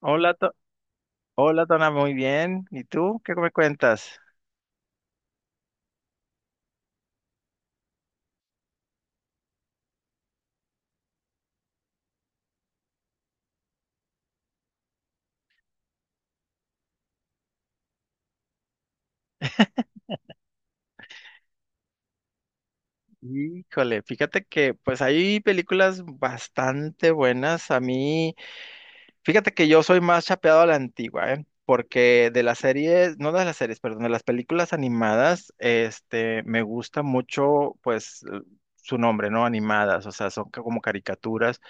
Hola, To- hola, Tona, muy bien. ¿Y tú qué me cuentas? Híjole, fíjate que pues hay películas bastante buenas. A mí, fíjate que yo soy más chapeado a la antigua, ¿eh? Porque de las series, no de las series, perdón, de las películas animadas, este, me gusta mucho, pues, su nombre, ¿no? Animadas, o sea, son como caricaturas.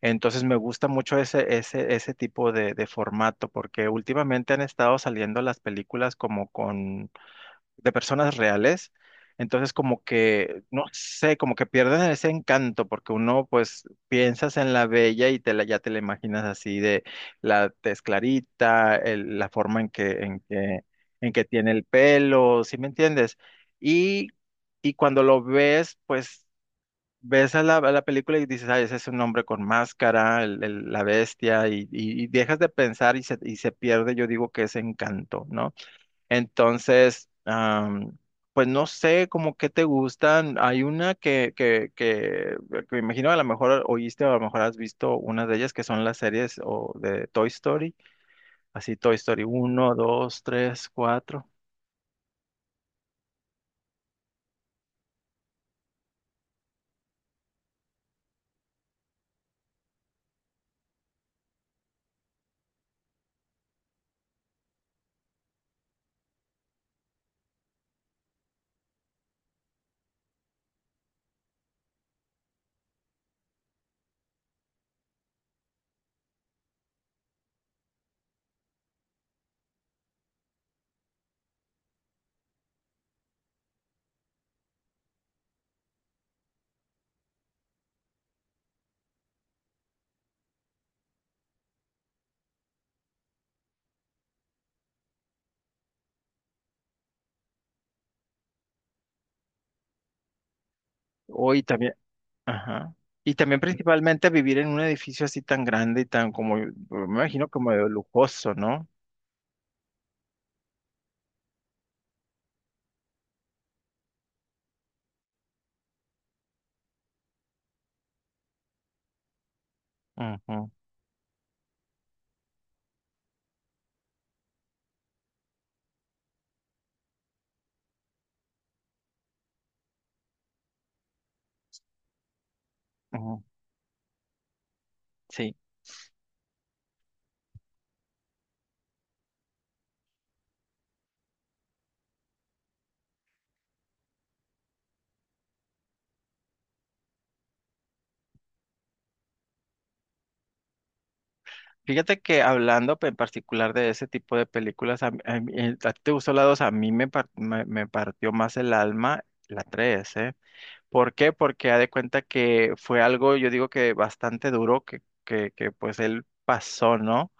Entonces me gusta mucho ese tipo de formato, porque últimamente han estado saliendo las películas como con de personas reales. Entonces, como que, no sé, como que pierden ese encanto, porque uno, pues, piensas en la bella y ya te la imaginas así de la tez clarita, la forma en que, en que tiene el pelo, ¿sí me entiendes? Y, y cuando lo ves, pues, ves a la película y dices, ay, ese es un hombre con máscara, la bestia, y dejas de pensar y se pierde, yo digo que ese encanto, ¿no? Entonces, pues no sé como qué te gustan. Hay una que me imagino a lo mejor oíste o a lo mejor has visto una de ellas que son las series o de Toy Story, así Toy Story uno, dos, tres, cuatro. Hoy también, ajá. Y también principalmente vivir en un edificio así tan grande y tan como, me imagino como de lujoso, ¿no? Ujú, ujú, sí. Fíjate que hablando en particular de ese tipo de películas, a ti te gustó la 2, a mí me partió más el alma la 3, ¿eh? ¿Por qué? Porque ha de cuenta que fue algo, yo digo que bastante duro que pues él pasó, ¿no?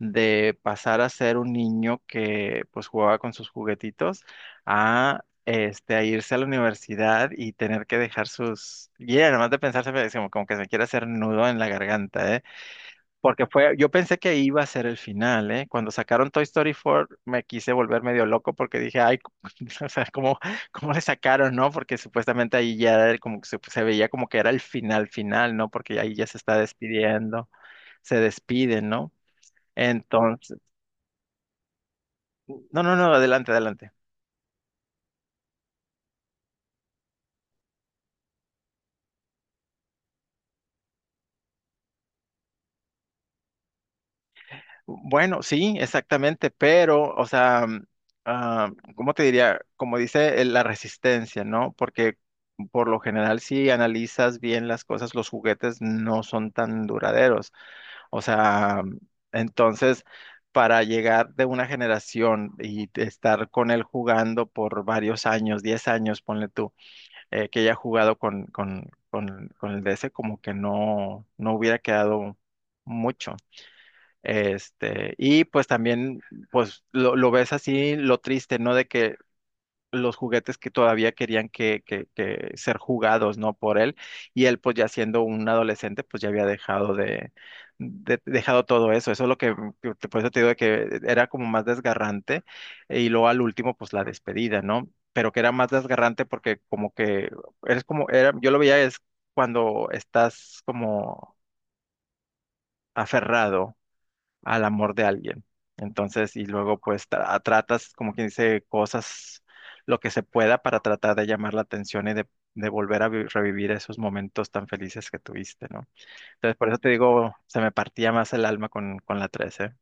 De pasar a ser un niño que pues jugaba con sus juguetitos a irse a la universidad y tener que dejar sus. Y además de pensarse, como que se me quiere hacer nudo en la garganta, ¿eh? Porque fue, yo pensé que iba a ser el final, ¿eh? Cuando sacaron Toy Story 4 me quise volver medio loco porque dije, ay, o sea, ¿cómo le sacaron, no? Porque supuestamente ahí ya era como que se veía como que era el final final, ¿no? Porque ahí ya se está despidiendo, se despiden, ¿no? Entonces, no, no, no, adelante, adelante. Bueno, sí, exactamente, pero, o sea, ah, ¿cómo te diría? Como dice la resistencia, ¿no? Porque por lo general, si analizas bien las cosas, los juguetes no son tan duraderos. O sea, entonces, para llegar de una generación y de estar con él jugando por varios años, 10 años, ponle tú, que haya jugado con el DS, como que no hubiera quedado mucho. Este, y pues también, pues lo ves así, lo triste, ¿no? De que los juguetes que todavía querían que ser jugados, ¿no? Por él, y él pues ya siendo un adolescente, pues ya había dejado de, dejado todo eso, eso es lo que te- por eso te digo de que era como más desgarrante, y luego al último, pues la despedida, ¿no? Pero que era más desgarrante porque como que, eres como, era, yo lo veía es cuando estás como aferrado al amor de alguien. Entonces, y luego pues tratas, como quien dice, cosas, lo que se pueda para tratar de llamar la atención y de volver a revivir esos momentos tan felices que tuviste, ¿no? Entonces, por eso te digo, se me partía más el alma con la 13.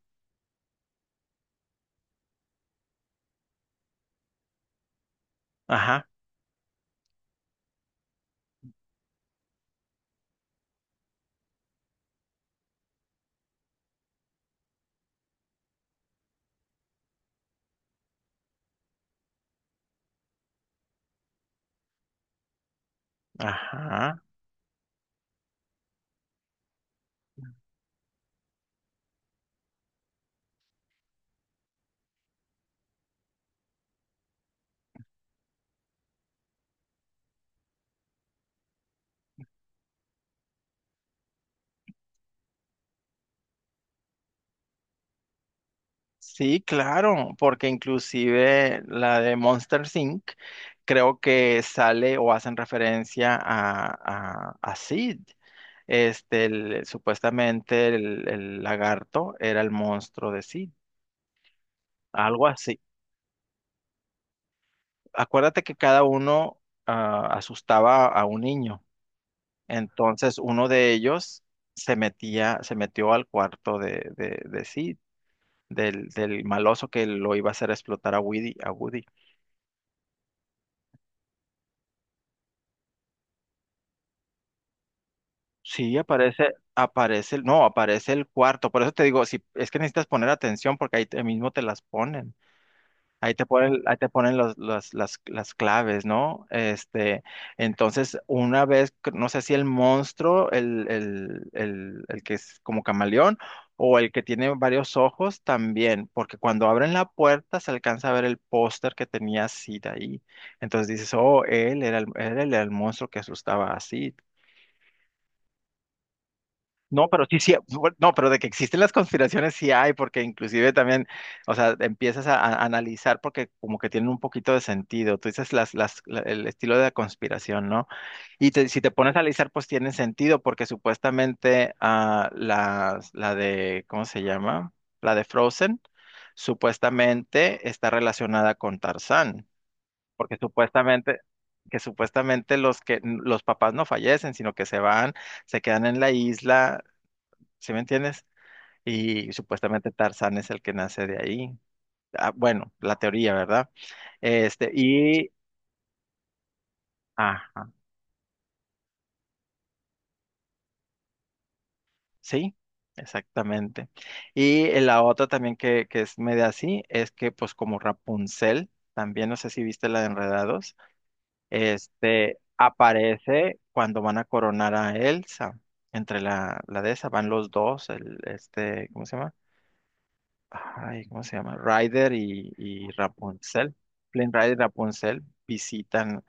Ajá, ajá. Sí, claro, porque inclusive la de Monster Inc. creo que sale o hacen referencia a Sid. Este, supuestamente el lagarto era el monstruo de Sid, algo así. Acuérdate que cada uno asustaba a un niño. Entonces uno de ellos se metía, se metió al cuarto de Sid, del maloso que lo iba a hacer explotar a Woody. Sí, aparece, aparece, no, aparece el cuarto. Por eso te digo, si es que necesitas poner atención porque ahí mismo te las ponen. Ahí te ponen, ahí te ponen las claves, ¿no? Este, entonces, una vez, no sé si el monstruo, el que es como camaleón, o el que tiene varios ojos también, porque cuando abren la puerta se alcanza a ver el póster que tenía Sid ahí. Entonces dices, oh, él era el monstruo que asustaba así. No, pero sí, sí, no, pero de que existen las conspiraciones sí hay, porque inclusive también, o sea, empiezas a analizar porque como que tienen un poquito de sentido. Tú dices el estilo de la conspiración, ¿no? Si te pones a analizar, pues tiene sentido, porque supuestamente la de, ¿cómo se llama? La de Frozen, supuestamente está relacionada con Tarzán, porque supuestamente los que los papás no fallecen, sino que se van, se quedan en la isla. ¿Sí me entiendes? Y supuestamente Tarzán es el que nace de ahí. Ah, bueno, la teoría, ¿verdad? Este, y, ajá, sí, exactamente. Y la otra también que es media así es que, pues, como Rapunzel, también no sé si viste la de Enredados, este, aparece cuando van a coronar a Elsa. Entre la de esa van los dos, el, este, ¿cómo se llama? Ay, ¿cómo se llama? Ryder y Rapunzel, Flynn Rider y Rapunzel visitan,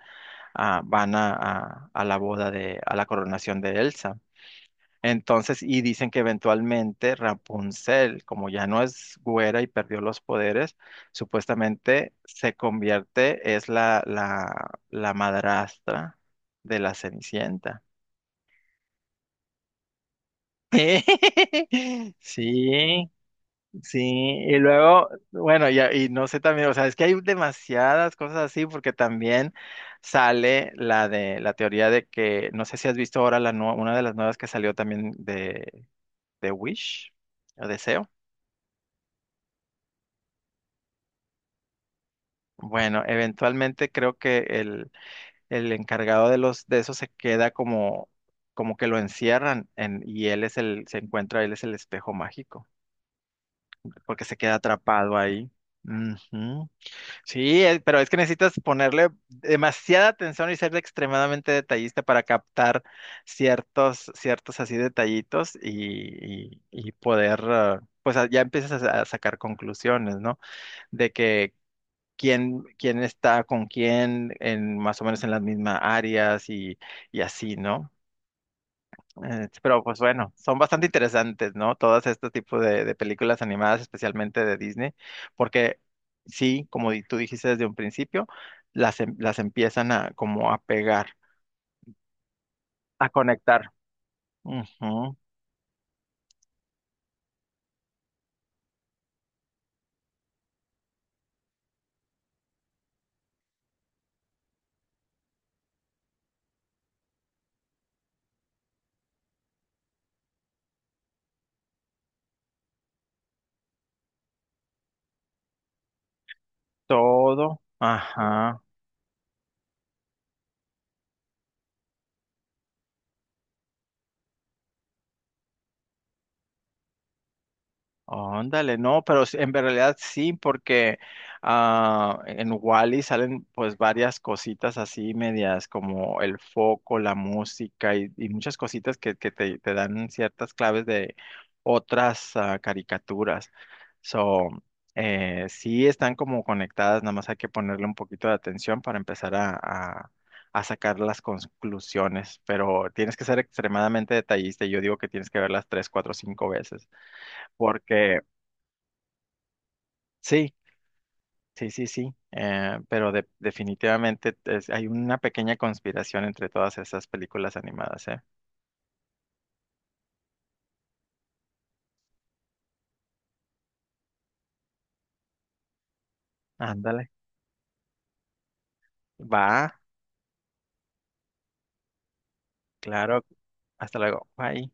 van a la boda de, a la coronación de Elsa. Entonces, y dicen que eventualmente Rapunzel, como ya no es güera y perdió los poderes, supuestamente se convierte, es la madrastra de la Cenicienta. Sí, sí, y luego, bueno, ya, y no sé también, o sea, es que hay demasiadas cosas así, porque también sale la de la teoría de que, no sé si has visto ahora una de las nuevas que salió también de Wish, o Deseo. Bueno, eventualmente creo que el encargado de los, de eso se queda como que lo encierran en, y él es el espejo mágico, porque se queda atrapado ahí. Ujú. Sí, pero es que necesitas ponerle demasiada atención y ser extremadamente detallista para captar ciertos así detallitos y poder, pues ya empiezas a sacar conclusiones, ¿no? De que quién está con quién en más o menos en las mismas áreas y así, ¿no? Sí, pero pues bueno, son bastante interesantes, ¿no? Todos estos tipos de películas animadas, especialmente de Disney, porque sí, como tú dijiste desde un principio, las empiezan a como a pegar, a conectar. Ujú, todo, ajá. Óndale, no, pero en realidad sí, porque en Wally salen pues varias cositas así medias como el foco, la música y muchas cositas que te dan ciertas claves de otras caricaturas. So, sí están como conectadas, nada más hay que ponerle un poquito de atención para empezar a sacar las conclusiones, pero tienes que ser extremadamente detallista y yo digo que tienes que verlas tres, cuatro, cinco veces porque sí, sí, sí, sí, pero definitivamente hay una pequeña conspiración entre todas esas películas animadas, ¿eh? Ándale, va, claro, hasta luego, bye.